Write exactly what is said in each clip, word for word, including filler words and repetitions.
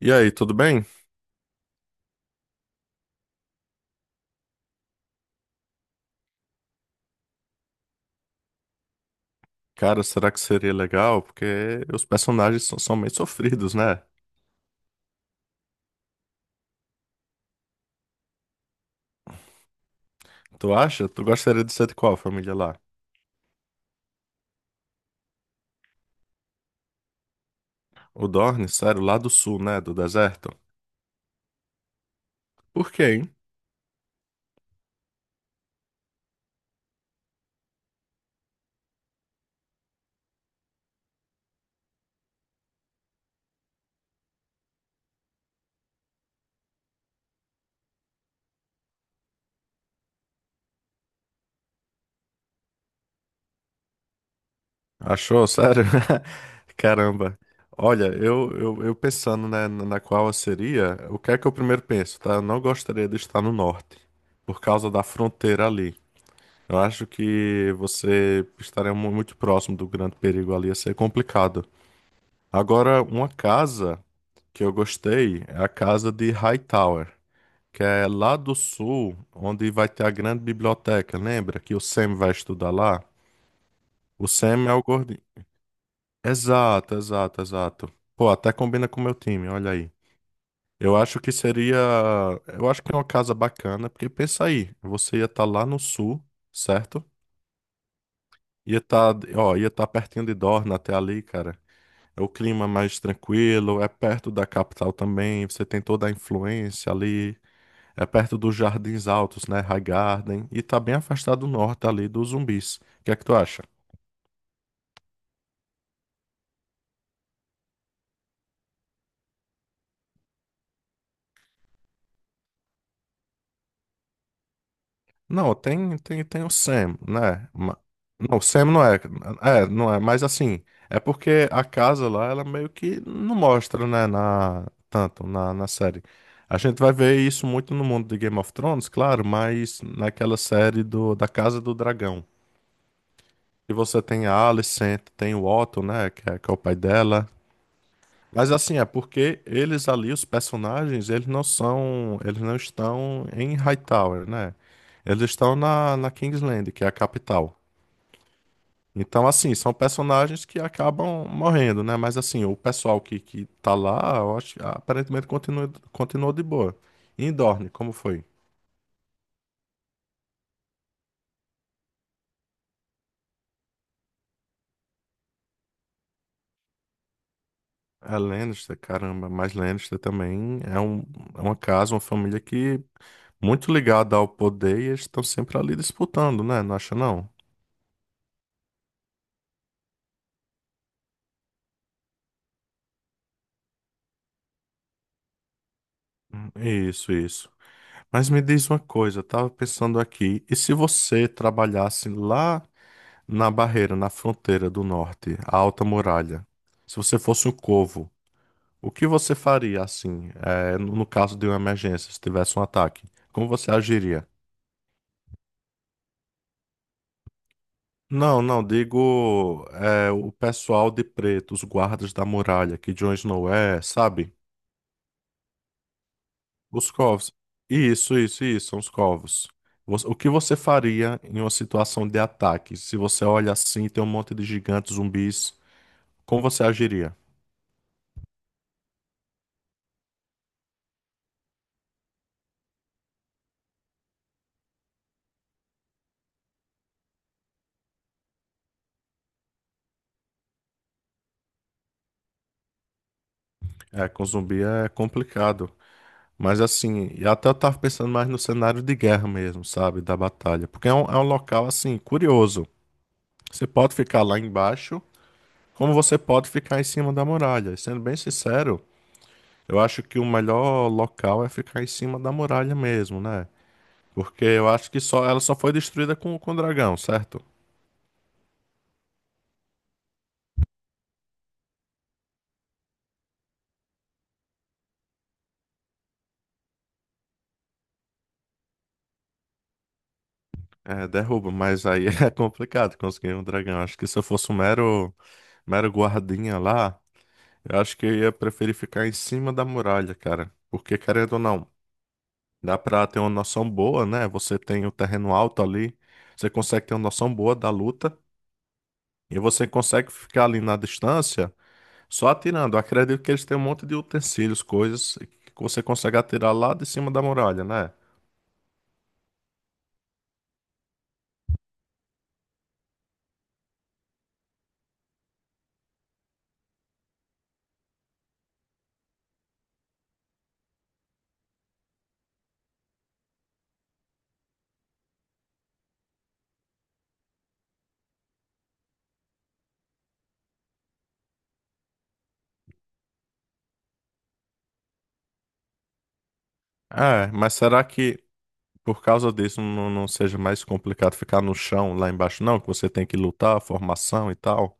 E aí, tudo bem? Cara, será que seria legal? Porque os personagens são, são meio sofridos, né? Tu acha? Tu gostaria de ser de qual família lá? O Dorne, sério, lá do sul, né? Do deserto? Por quê, hein? Achou? Sério? Caramba. Olha, eu, eu, eu pensando, né, na na qual eu seria, o que é que eu primeiro penso, tá? Eu não gostaria de estar no norte, por causa da fronteira ali. Eu acho que você estaria mu- muito próximo do grande perigo ali, ia ser complicado. Agora, uma casa que eu gostei é a casa de Hightower, que é lá do sul, onde vai ter a grande biblioteca, lembra? Que o Sam vai estudar lá. O Sam é o gordinho. Exato, exato, exato. Pô, até combina com o meu time, olha aí. Eu acho que seria. Eu acho que é uma casa bacana, porque pensa aí, você ia estar lá no sul, certo? Ia estar, ó, ia estar pertinho de Dorna até ali, cara. É o clima mais tranquilo, é perto da capital também, você tem toda a influência ali. É perto dos Jardins Altos, né? High Garden. E tá bem afastado do norte ali dos zumbis. O que é que tu acha? Não, tem, tem, tem o Sam, né? Ma- Não, o Sam não é. É, não é. Mas assim, é porque a casa lá, ela meio que não mostra, né? Na, tanto na, na série. A gente vai ver isso muito no mundo de Game of Thrones, claro, mas naquela série do, da Casa do Dragão. E você tem a Alicent, tem o Otto, né? Que é, que é o pai dela. Mas assim, é porque eles ali, os personagens, eles não são, eles não estão em Hightower, né? Eles estão na, na Kingsland, que é a capital. Então, assim, são personagens que acabam morrendo, né? Mas assim, o pessoal que, que tá lá, eu acho, aparentemente continua, continuou de boa. E em Dorne, como foi? É Lannister, caramba, mas Lannister também é, um, é uma casa, uma família que muito ligada ao poder e eles estão sempre ali disputando, né? Não acha não? Isso, isso. Mas me diz uma coisa, eu tava pensando aqui, e se você trabalhasse lá na barreira, na fronteira do norte, a Alta Muralha, se você fosse um corvo, o que você faria assim, eh, no no caso de uma emergência, se tivesse um ataque? Como você agiria? Não, não, digo, eh, o pessoal de preto, os guardas da muralha, que Jon Snow é, sabe? Os covos. Isso, isso, isso, são os covos. Você- O que você faria em uma situação de ataque? Se você olha assim e tem um monte de gigantes, zumbis, como você agiria? É, com zumbi é complicado. Mas assim, e até eu tava pensando mais no cenário de guerra mesmo, sabe? Da batalha. Porque é um, é um local, assim, curioso. Você pode ficar lá embaixo, como você pode ficar em cima da muralha. E sendo bem sincero, eu acho que o melhor local é ficar em cima da muralha mesmo, né? Porque eu acho que só ela só foi destruída com com o dragão, certo? É, derruba, mas aí é complicado conseguir um dragão. Acho que se eu fosse um mero, mero guardinha lá, eu acho que eu ia preferir ficar em cima da muralha, cara. Porque, querendo ou não, dá pra ter uma noção boa, né? Você tem o terreno alto ali, você consegue ter uma noção boa da luta, e você consegue ficar ali na distância só atirando. Eu acredito que eles têm um monte de utensílios, coisas que você consegue atirar lá de cima da muralha, né? É, mas será que por causa disso não, não seja mais complicado ficar no chão lá embaixo, não, que você tem que lutar, formação e tal.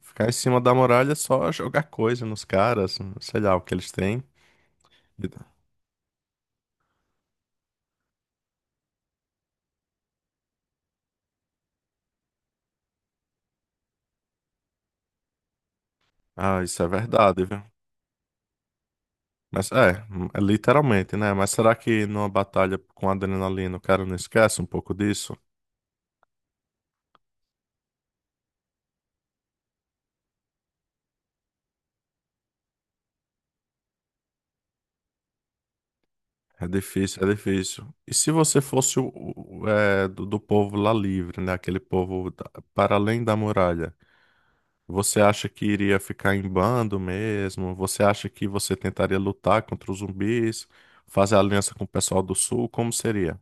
Ficar em cima da muralha é só jogar coisa nos caras, sei lá o que eles têm. E- Ah, isso é verdade, viu? Mas é, é literalmente, né? Mas será que numa batalha com adrenalina o cara não esquece um pouco disso? É difícil, é difícil. E se você fosse o, o- é, do, do povo lá livre, né? Aquele povo da- para além da muralha? Você acha que iria ficar em bando mesmo? Você acha que você tentaria lutar contra os zumbis, fazer aliança com o pessoal do sul? Como seria?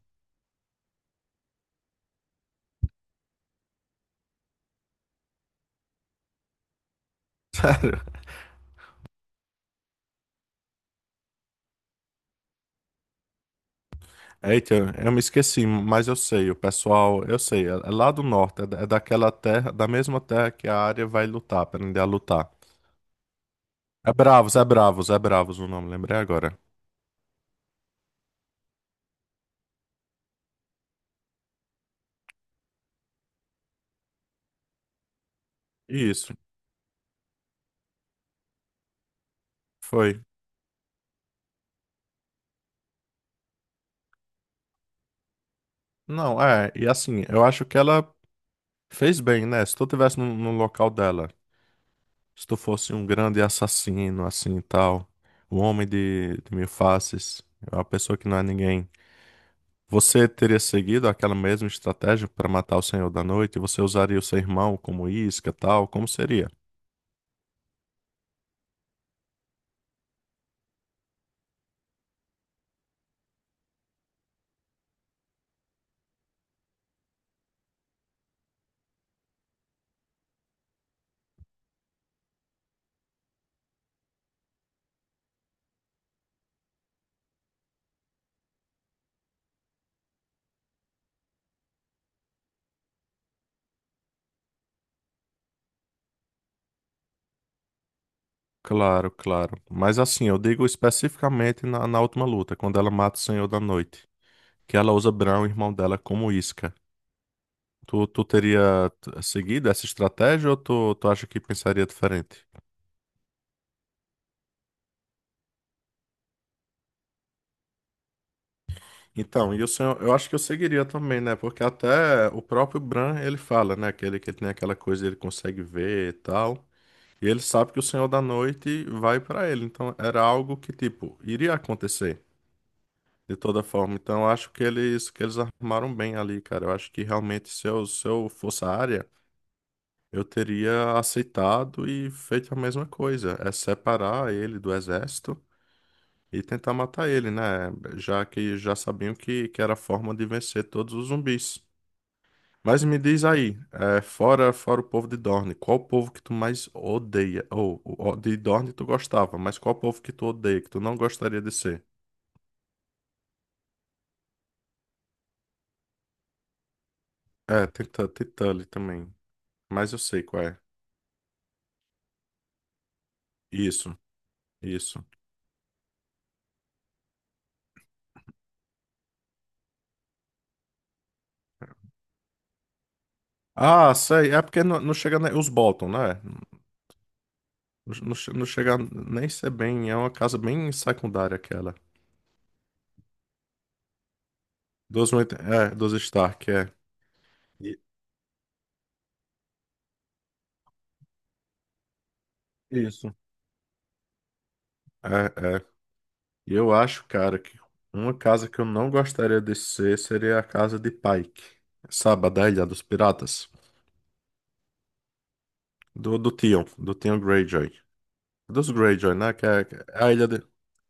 Eita, eu me esqueci, mas eu sei, o pessoal, eu sei, é é lá do norte, é da- é daquela terra, da mesma terra que a área vai lutar, aprender a lutar. É Bravos, é Bravos, é Bravos o nome, lembrei agora. Isso, foi. Não, é, e assim, eu acho que ela fez bem, né? Se tu tivesse no, no local dela, se tu fosse um grande assassino, assim e tal, um homem de, de mil faces, uma pessoa que não é ninguém, você teria seguido aquela mesma estratégia para matar o Senhor da Noite? Você usaria o seu irmão como isca, tal? Como seria? Claro, claro. Mas assim, eu digo especificamente na, na última luta, quando ela mata o Senhor da Noite, que ela usa Bran, o irmão dela, como isca. Tu, tu teria t- seguido essa estratégia ou tu, tu acha que pensaria diferente? Então, e o senhor, eu acho que eu seguiria também, né? Porque até o próprio Bran, ele fala, né? Aquele que ele tem aquela coisa, ele consegue ver e tal. E ele sabe que o Senhor da Noite vai pra ele. Então, era algo que, tipo, iria acontecer de toda forma. Então, eu acho que eles que eles armaram bem ali, cara. Eu acho que realmente se eu, se eu fosse a área, eu teria aceitado e feito a mesma coisa. É separar ele do exército e tentar matar ele, né? Já que já sabiam que, que era a forma de vencer todos os zumbis. Mas me diz aí, é, fora fora o povo de Dorne, qual o povo que tu mais odeia? Ou o- o- de Dorne tu gostava, mas qual o povo que tu odeia, que tu não gostaria de ser? É, tem, Tu- tem Tully também, mas eu sei qual é. Isso, isso. Ah, sei, é porque não, não chega nem... Os Bolton, né? Não, não che- não chega nem ser bem, é uma casa bem secundária aquela. Dos, Winter- é, dos Stark, é. I- Isso. É, é. E eu acho, cara, que uma casa que eu não gostaria de ser seria a casa de Pike. Sabe, a da Ilha dos Piratas? Do, do Theon, do Theon Greyjoy. Dos Greyjoy, né? Que é que é a ilha de...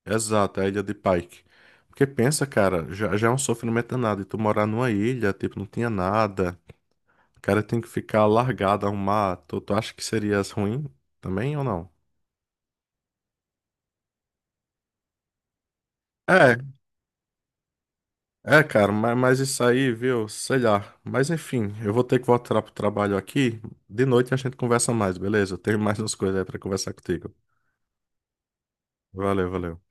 Exato, é a ilha de Pike. Porque pensa, cara, já, já é um sofrimento danado. E tu morar numa ilha, tipo, não tinha nada. O cara tem que ficar largado ao mar. Tu, tu acha que seria ruim também ou não? É, É, cara, mas, mas isso aí, viu? Sei lá. Mas enfim, eu vou ter que voltar pro trabalho aqui. De noite a gente conversa mais, beleza? Eu tenho mais umas coisas aí pra conversar contigo. Valeu, valeu.